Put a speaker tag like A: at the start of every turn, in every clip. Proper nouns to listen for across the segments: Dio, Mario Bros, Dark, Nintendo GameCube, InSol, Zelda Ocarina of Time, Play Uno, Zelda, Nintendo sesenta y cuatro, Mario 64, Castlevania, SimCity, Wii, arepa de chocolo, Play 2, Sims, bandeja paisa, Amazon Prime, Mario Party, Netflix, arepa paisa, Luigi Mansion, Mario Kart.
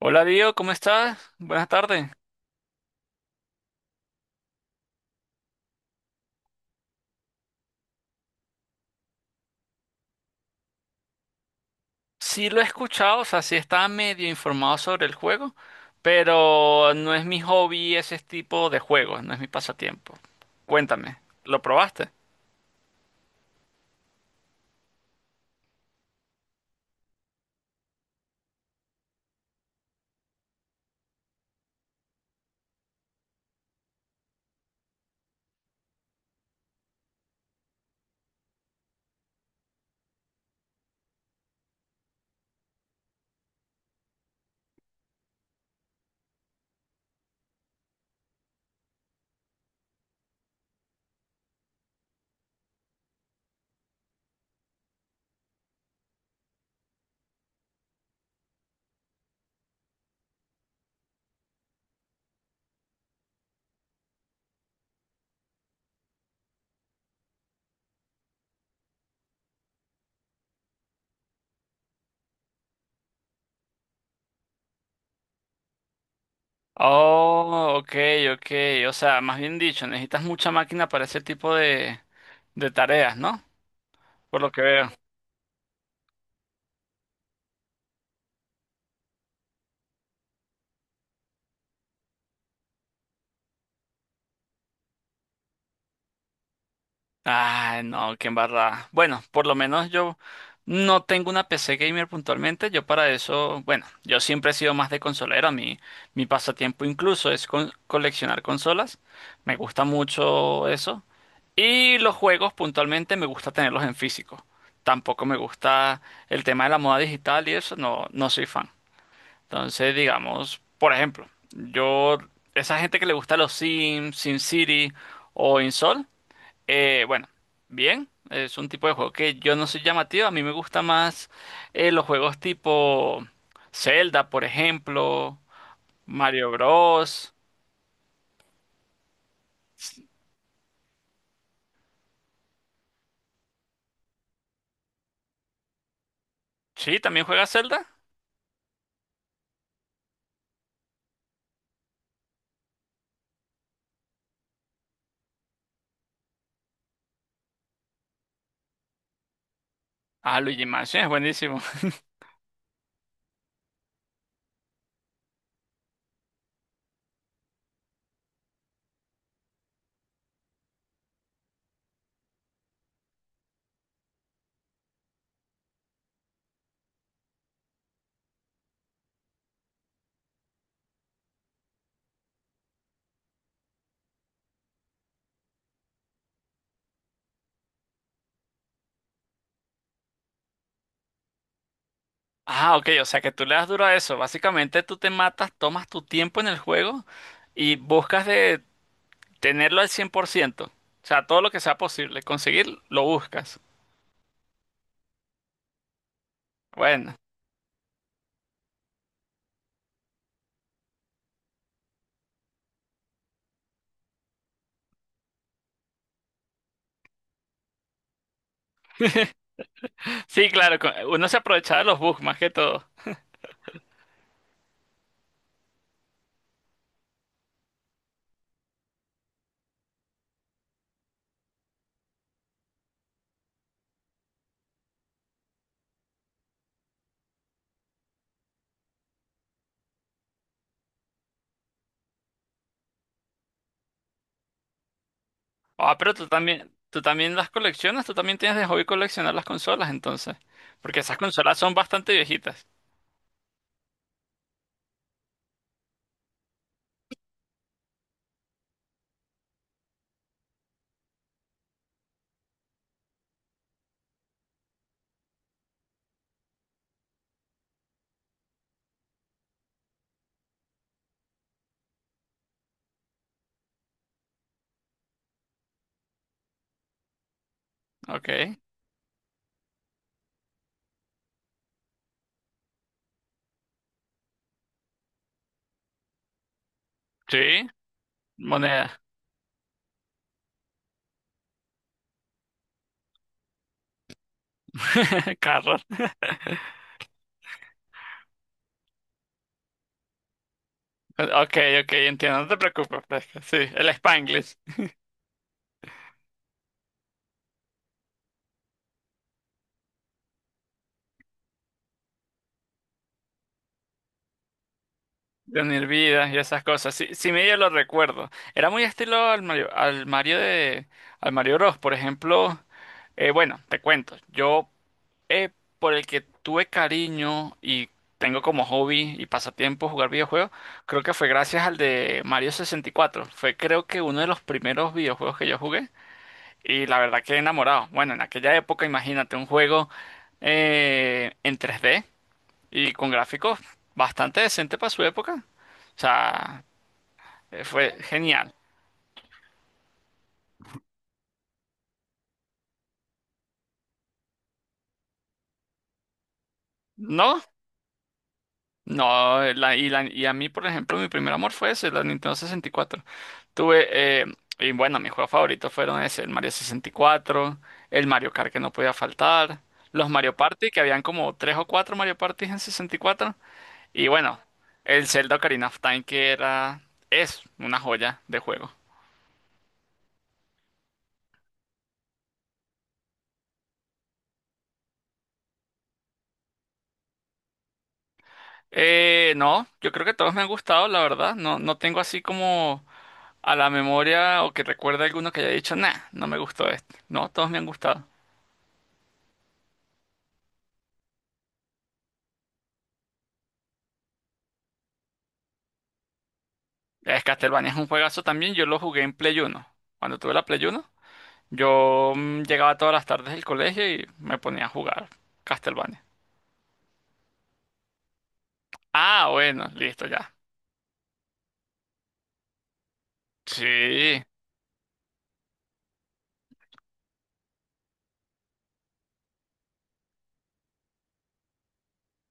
A: Hola Dio, ¿cómo estás? Buenas tardes. Sí lo he escuchado, o sea, sí estaba medio informado sobre el juego, pero no es mi hobby ese tipo de juegos, no es mi pasatiempo. Cuéntame, ¿lo probaste? Oh, ok, ok. O sea, más bien dicho, necesitas mucha máquina para ese tipo de tareas, ¿no? Por lo que veo. Ay, no, qué embarrada. Bueno, por lo menos yo no tengo una PC gamer puntualmente. Yo para eso, bueno, yo siempre he sido más de consolero. A mí, mi pasatiempo incluso es coleccionar consolas. Me gusta mucho eso. Y los juegos puntualmente me gusta tenerlos en físico. Tampoco me gusta el tema de la moda digital y eso, no, no soy fan. Entonces, digamos, por ejemplo, yo, esa gente que le gusta los Sims, SimCity o InSol. Bueno, bien, es un tipo de juego que yo no soy llamativo, a mí me gusta más los juegos tipo Zelda, por ejemplo, Mario Bros. Sí, también juega Zelda. Ah, Luigi Mansion es buenísimo. Ah, ok, o sea que tú le das duro a eso. Básicamente tú te matas, tomas tu tiempo en el juego y buscas de tenerlo al 100%. O sea, todo lo que sea posible, conseguir, lo buscas. Bueno, sí, claro, uno se aprovecha de los bugs más que todo. Ah, pero tú también las coleccionas, tú también tienes de hobby coleccionar las consolas, entonces. Porque esas consolas son bastante viejitas. Ok. Sí, moneda. Carros. Ok, ok, entiendo, no te preocupes, fresca. Sí, el Spanglish, de unir vidas y esas cosas. Sí, sí medio lo recuerdo. Era muy estilo al Mario de, al Mario Bros. Por ejemplo, bueno, te cuento. Yo eh, por el que tuve cariño y tengo como hobby y pasatiempo jugar videojuegos, creo que fue gracias al de Mario 64. Fue creo que uno de los primeros videojuegos que yo jugué y la verdad que enamorado. Bueno, en aquella época imagínate un juego en 3D y con gráficos bastante decente para su época. O sea, fue genial. ¿No? No, y a mí, por ejemplo, mi primer amor fue ese, la Nintendo sesenta y cuatro. Tuve, eh, y bueno, mis juegos favoritos fueron ese, el Mario sesenta y cuatro, el Mario Kart que no podía faltar, los Mario Party, que habían como tres o cuatro Mario Party en 64, y cuatro, y bueno, el Zelda Ocarina of Time, que era, es una joya de juego. No, yo creo que todos me han gustado, la verdad, no, no tengo así como a la memoria o que recuerde alguno que haya dicho, nah, no me gustó este. No, todos me han gustado. Es Castlevania es un juegazo también. Yo lo jugué en Play Uno. Cuando tuve la Play Uno, yo llegaba todas las tardes del colegio y me ponía a jugar Castlevania. Ah, bueno, listo ya. Sí,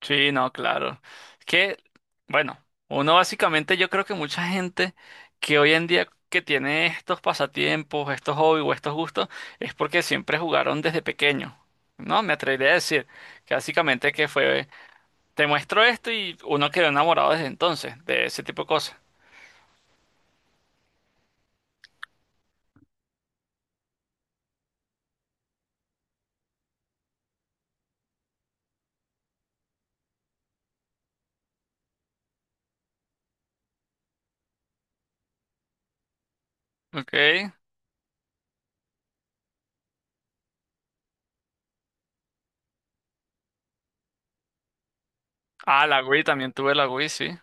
A: sí, no, claro. Es que, bueno, uno básicamente, yo creo que mucha gente que hoy en día que tiene estos pasatiempos, estos hobbies o estos gustos, es porque siempre jugaron desde pequeño. No, me atrevería a decir que básicamente que fue Te muestro esto y uno quedó enamorado desde entonces, de ese tipo de cosas. Ok. Ah, la Wii, también tuve la Wii, sí.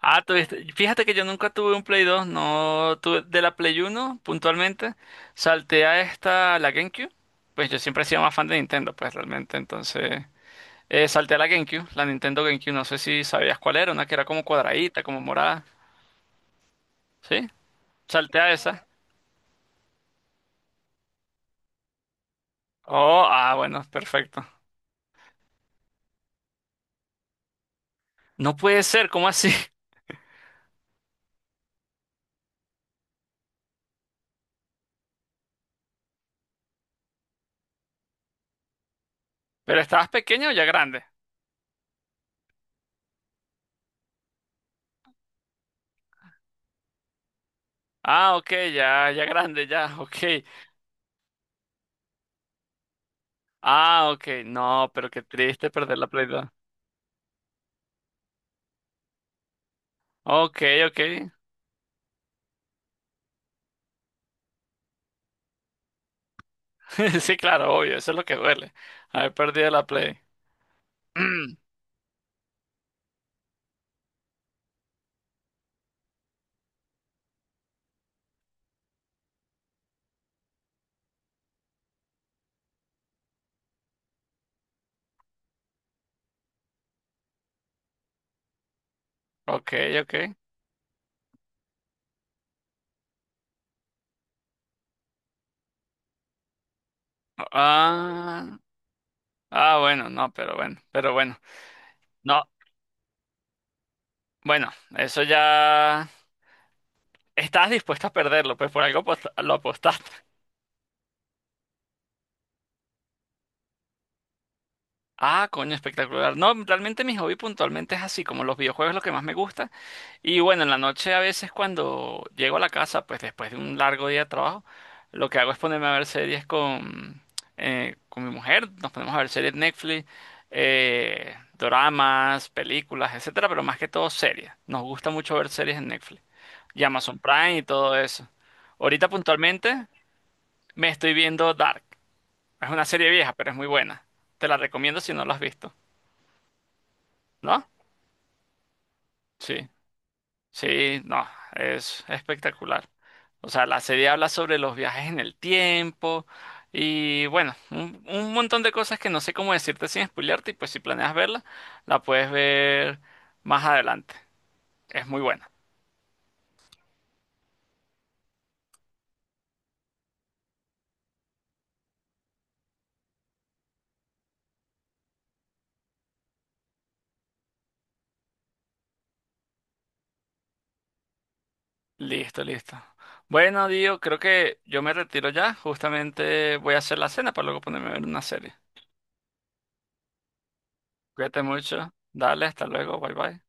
A: Ah, tuviste. Fíjate que yo nunca tuve un Play 2, no tuve de la Play 1 puntualmente. Salté a esta, la GameCube. Pues yo siempre he sido más fan de Nintendo, pues realmente. Entonces, salté a la GameCube, la Nintendo GameCube, no sé si sabías cuál era, una que era como cuadradita, como morada. ¿Sí? Salté a esa. Oh, ah, bueno, perfecto. No puede ser, ¿cómo así? ¿Pero estabas pequeño o ya grande? Ah, ok, ya, ya grande, ya, ok. Ah, ok, no, pero qué triste perder la Play 2. Ok, ok. Sí, claro, obvio, eso es lo que duele. Haber perdido la Play. Mm, Ok, ok. Ah, ah, bueno, no, pero bueno, pero bueno. No, bueno, eso ya... Estás dispuesto a perderlo, pues por algo lo apostaste. Ah, coño, espectacular. No, realmente mi hobby puntualmente es así, como los videojuegos es lo que más me gusta. Y bueno, en la noche a veces cuando llego a la casa, pues después de un largo día de trabajo, lo que hago es ponerme a ver series con mi mujer. Nos ponemos a ver series Netflix, doramas, películas, etcétera, pero más que todo series. Nos gusta mucho ver series en Netflix y Amazon Prime y todo eso. Ahorita puntualmente me estoy viendo Dark. Es una serie vieja, pero es muy buena. Te la recomiendo si no la has visto, ¿no? Sí. Sí, no, es espectacular. O sea, la serie habla sobre los viajes en el tiempo y bueno, un montón de cosas que no sé cómo decirte sin spoilearte y pues si planeas verla, la puedes ver más adelante. Es muy buena. Listo, listo. Bueno, Dio, creo que yo me retiro ya. Justamente voy a hacer la cena para luego ponerme a ver una serie. Cuídate mucho. Dale, hasta luego. Bye bye.